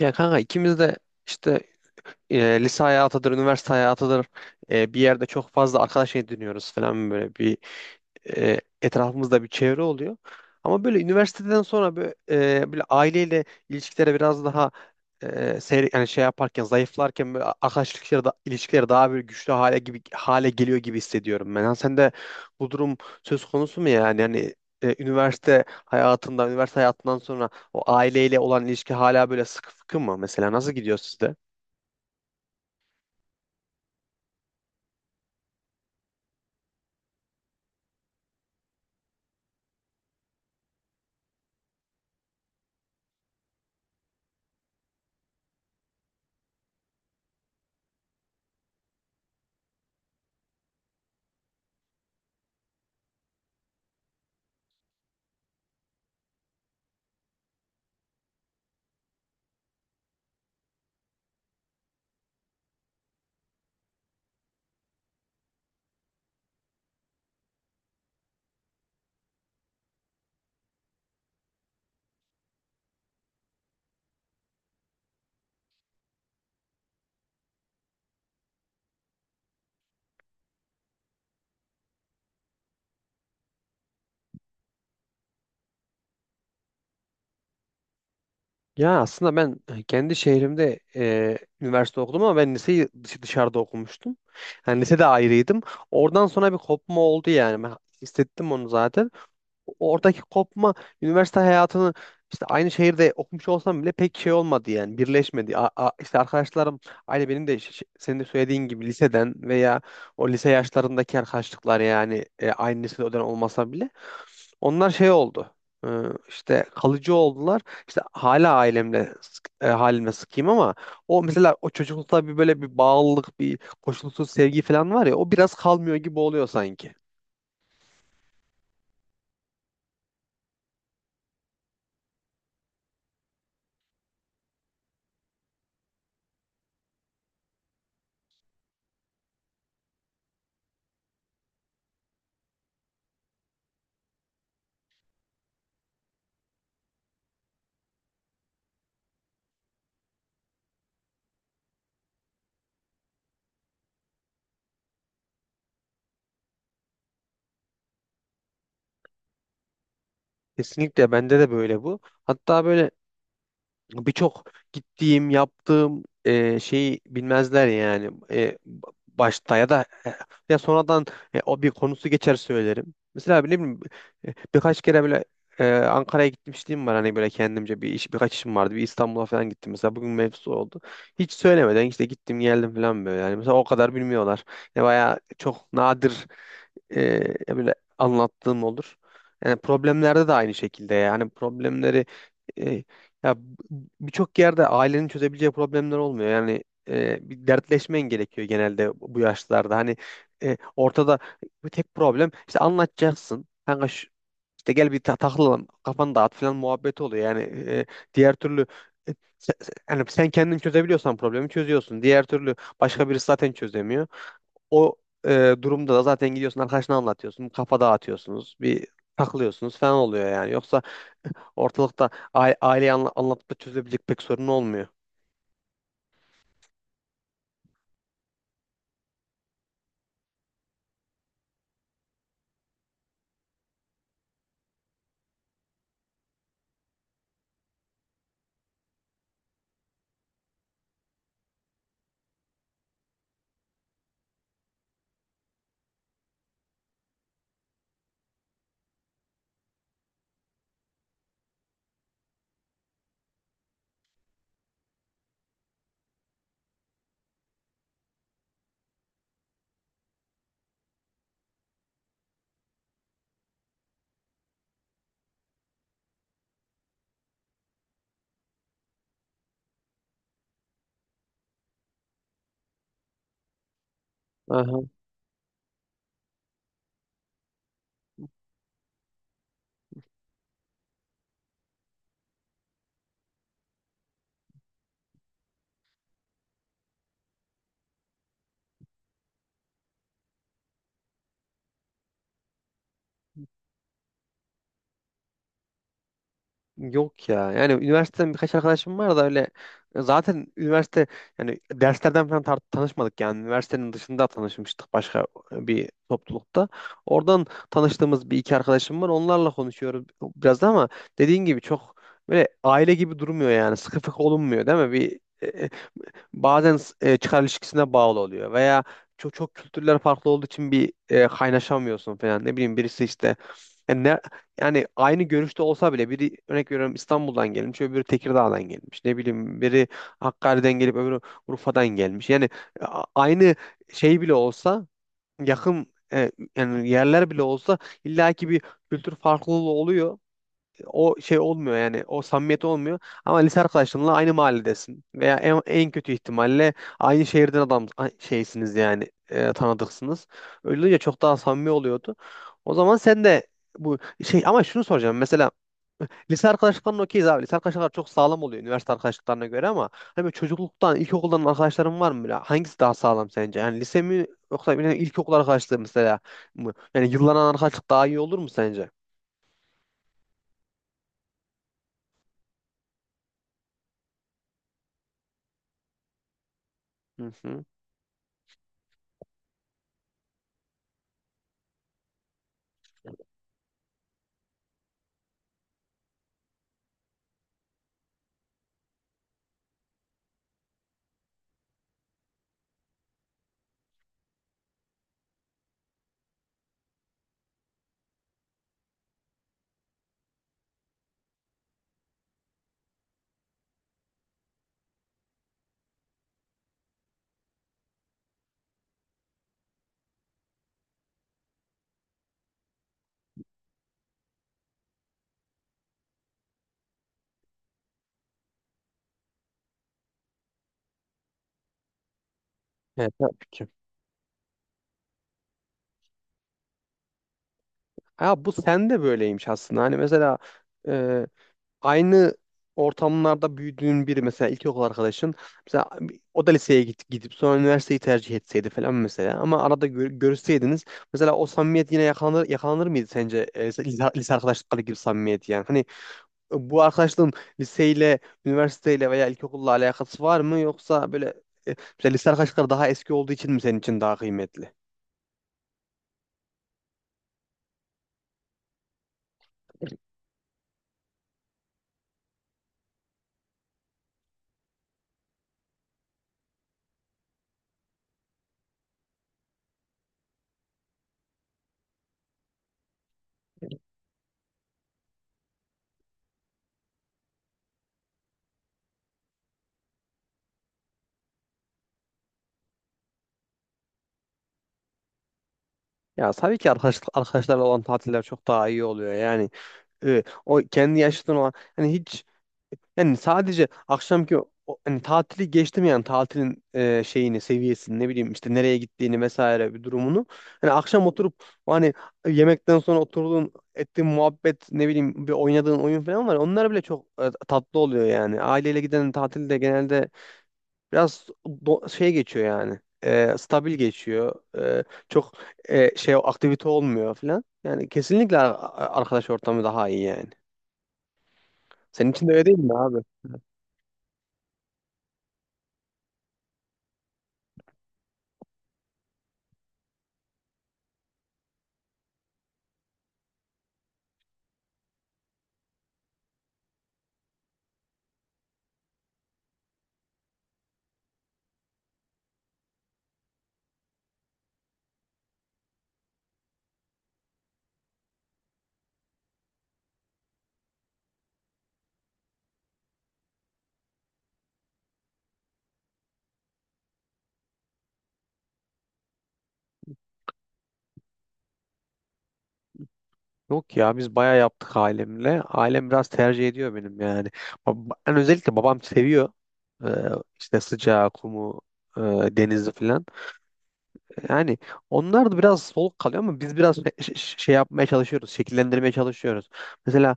Ya kanka ikimiz de işte lise hayatıdır, üniversite hayatıdır. Bir yerde çok fazla arkadaş ediniyoruz falan, böyle bir, etrafımızda bir çevre oluyor. Ama böyle üniversiteden sonra böyle, böyle aileyle ilişkilere biraz daha e, yani şey yaparken, zayıflarken, böyle arkadaş ilişkileri, ilişkileri daha bir güçlü hale gibi hale geliyor gibi hissediyorum ben. Yani sen de bu durum söz konusu mu yani? Yani üniversite hayatında, üniversite hayatından sonra o aileyle olan ilişki hala böyle sıkı fıkı mı mesela? Nasıl gidiyor sizde? Ya aslında ben kendi şehrimde üniversite okudum ama ben liseyi dışarıda okumuştum. Yani lisede ayrıydım. Oradan sonra bir kopma oldu yani. Ben hissettim onu zaten. Oradaki kopma, üniversite hayatını, işte aynı şehirde okumuş olsam bile pek şey olmadı yani, birleşmedi. İşte arkadaşlarım aynı benim de senin de söylediğin gibi liseden veya o lise yaşlarındaki arkadaşlıklar yani, aynı lisede o dönem olmasa bile onlar şey oldu. e, işte kalıcı oldular. İşte hala ailemle halimle sıkayım ama o mesela, o çocuklukta bir böyle bir bağlılık, bir koşulsuz sevgi falan var ya, o biraz kalmıyor gibi oluyor sanki. Kesinlikle bende de böyle bu. Hatta böyle birçok gittiğim, yaptığım şeyi bilmezler yani. Başta ya da ya sonradan o bir konusu geçer, söylerim. Mesela ne bileyim, birkaç kere böyle Ankara'ya gitmişliğim var hani, böyle kendimce bir iş, birkaç işim vardı. Bir İstanbul'a falan gittim, mesela bugün mevzu oldu. Hiç söylemeden işte gittim geldim falan, böyle yani mesela, o kadar bilmiyorlar. Yani bayağı çok nadir böyle anlattığım olur. Yani problemlerde de aynı şekilde, yani problemleri, e, ya b- birçok yerde ailenin çözebileceği problemler olmuyor. Yani bir dertleşmen gerekiyor genelde bu yaşlarda. Hani ortada bir tek problem, işte anlatacaksın. Kanka şu, işte gel bir takılalım, kafanı dağıt falan muhabbeti oluyor. Yani diğer türlü e, yani sen kendin çözebiliyorsan problemi çözüyorsun. Diğer türlü başka birisi zaten çözemiyor. O durumda da zaten gidiyorsun, arkadaşına anlatıyorsun. Kafa dağıtıyorsunuz. Bir takılıyorsunuz falan oluyor yani. Yoksa ortalıkta aile, anlatıp da çözebilecek pek sorun olmuyor. Aha. Yok ya. Yani üniversiteden birkaç arkadaşım var da öyle, zaten üniversite yani derslerden falan tanışmadık yani. Üniversitenin dışında tanışmıştık, başka bir toplulukta. Oradan tanıştığımız bir iki arkadaşım var. Onlarla konuşuyoruz biraz da, ama dediğin gibi çok böyle aile gibi durmuyor yani. Sıkı fıkı olunmuyor değil mi? Bir bazen çıkar ilişkisine bağlı oluyor veya çok çok kültürler farklı olduğu için bir, kaynaşamıyorsun falan, ne bileyim birisi işte yani, ne, yani aynı görüşte olsa bile, biri örnek veriyorum İstanbul'dan gelmiş, öbürü Tekirdağ'dan gelmiş, ne bileyim biri Hakkari'den gelip öbürü Urfa'dan gelmiş, yani aynı şey bile olsa, yakın yani yerler bile olsa, illaki bir kültür farklılığı oluyor, o şey olmuyor yani, o samimiyet olmuyor. Ama lise arkadaşınla aynı mahalledesin veya en, en kötü ihtimalle aynı şehirden şeysiniz yani tanıdıksınız. Öyle olunca çok daha samimi oluyordu. O zaman sen de bu şey, ama şunu soracağım mesela, lise arkadaşlıklarına okeyiz abi, lise arkadaşlıklar çok sağlam oluyor üniversite arkadaşlıklarına göre, ama hani böyle çocukluktan, ilkokuldan arkadaşların var mı? Böyle hangisi daha sağlam sence, yani lise mi yoksa bir ilkokul arkadaşlığı mesela mı, yani yıllanan arkadaşlık daha iyi olur mu sence? Hı hı. Evet, tabii ki. Ha, bu sen de böyleymiş aslında. Hani mesela e, aynı ortamlarda büyüdüğün biri mesela, ilkokul arkadaşın mesela, o da liseye gidip sonra üniversiteyi tercih etseydi falan mesela, ama arada görüşseydiniz mesela, o samimiyet yine yakalanır mıydı sence? Lise arkadaşlıkları gibi samimiyet yani? Hani bu arkadaşlığın liseyle, üniversiteyle veya ilkokulla alakası var mı, yoksa böyle mesela lise arkadaşlıkları daha eski olduğu için mi senin için daha kıymetli? Ya tabii ki arkadaşlarla olan tatiller çok daha iyi oluyor yani. O kendi yaşıtın olan, hani hiç, yani sadece hani tatili geçtim, yani tatilin şeyini, seviyesini, ne bileyim işte nereye gittiğini vesaire bir durumunu, hani akşam oturup, o hani yemekten sonra oturduğun ettiğin muhabbet, ne bileyim bir oynadığın oyun falan var, onlar bile çok tatlı oluyor yani. Aileyle giden tatilde genelde biraz şey geçiyor yani. Stabil geçiyor. Çok şey, aktivite olmuyor falan. Yani kesinlikle arkadaş ortamı daha iyi yani. Senin için de öyle değil mi abi? Yok ya, biz bayağı yaptık ailemle. Ailem biraz tercih ediyor benim yani. Ben özellikle babam seviyor. Ee, işte sıcağı, kumu, e, denizi falan. Yani onlar da biraz soluk kalıyor ama biz biraz şey yapmaya çalışıyoruz, şekillendirmeye çalışıyoruz. Mesela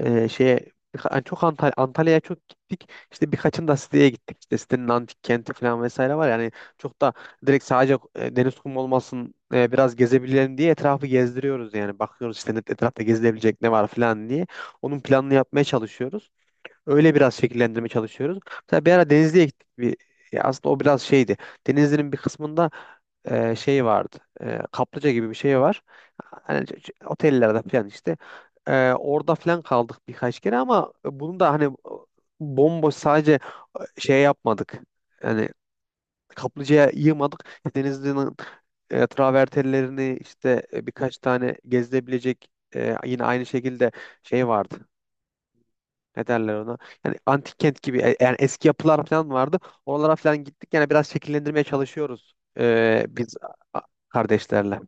şeye hani çok Antalya'ya çok gittik. İşte birkaçında siteye gittik. İşte sitenin antik kenti falan vesaire var. Yani çok da direkt sadece deniz kumu olmasın, biraz gezebilelim diye etrafı gezdiriyoruz yani. Bakıyoruz işte etrafta gezilebilecek ne var falan diye. Onun planını yapmaya çalışıyoruz. Öyle biraz şekillendirmeye çalışıyoruz. Mesela bir ara Denizli'ye gittik. Bir, ya aslında o biraz şeydi. Denizli'nin bir kısmında şey vardı. Kaplıca gibi bir şey var. Hani otellerde falan işte. Orada falan kaldık birkaç kere, ama bunu da hani bomboş sadece şey yapmadık. Yani kaplıcaya yığmadık. İşte Denizli'nin travertenlerini, işte birkaç tane gezilebilecek yine aynı şekilde şey vardı, ne derler ona? Yani antik kent gibi, yani eski yapılar falan vardı. Oralara falan gittik. Yani biraz şekillendirmeye çalışıyoruz biz a- kardeşlerle.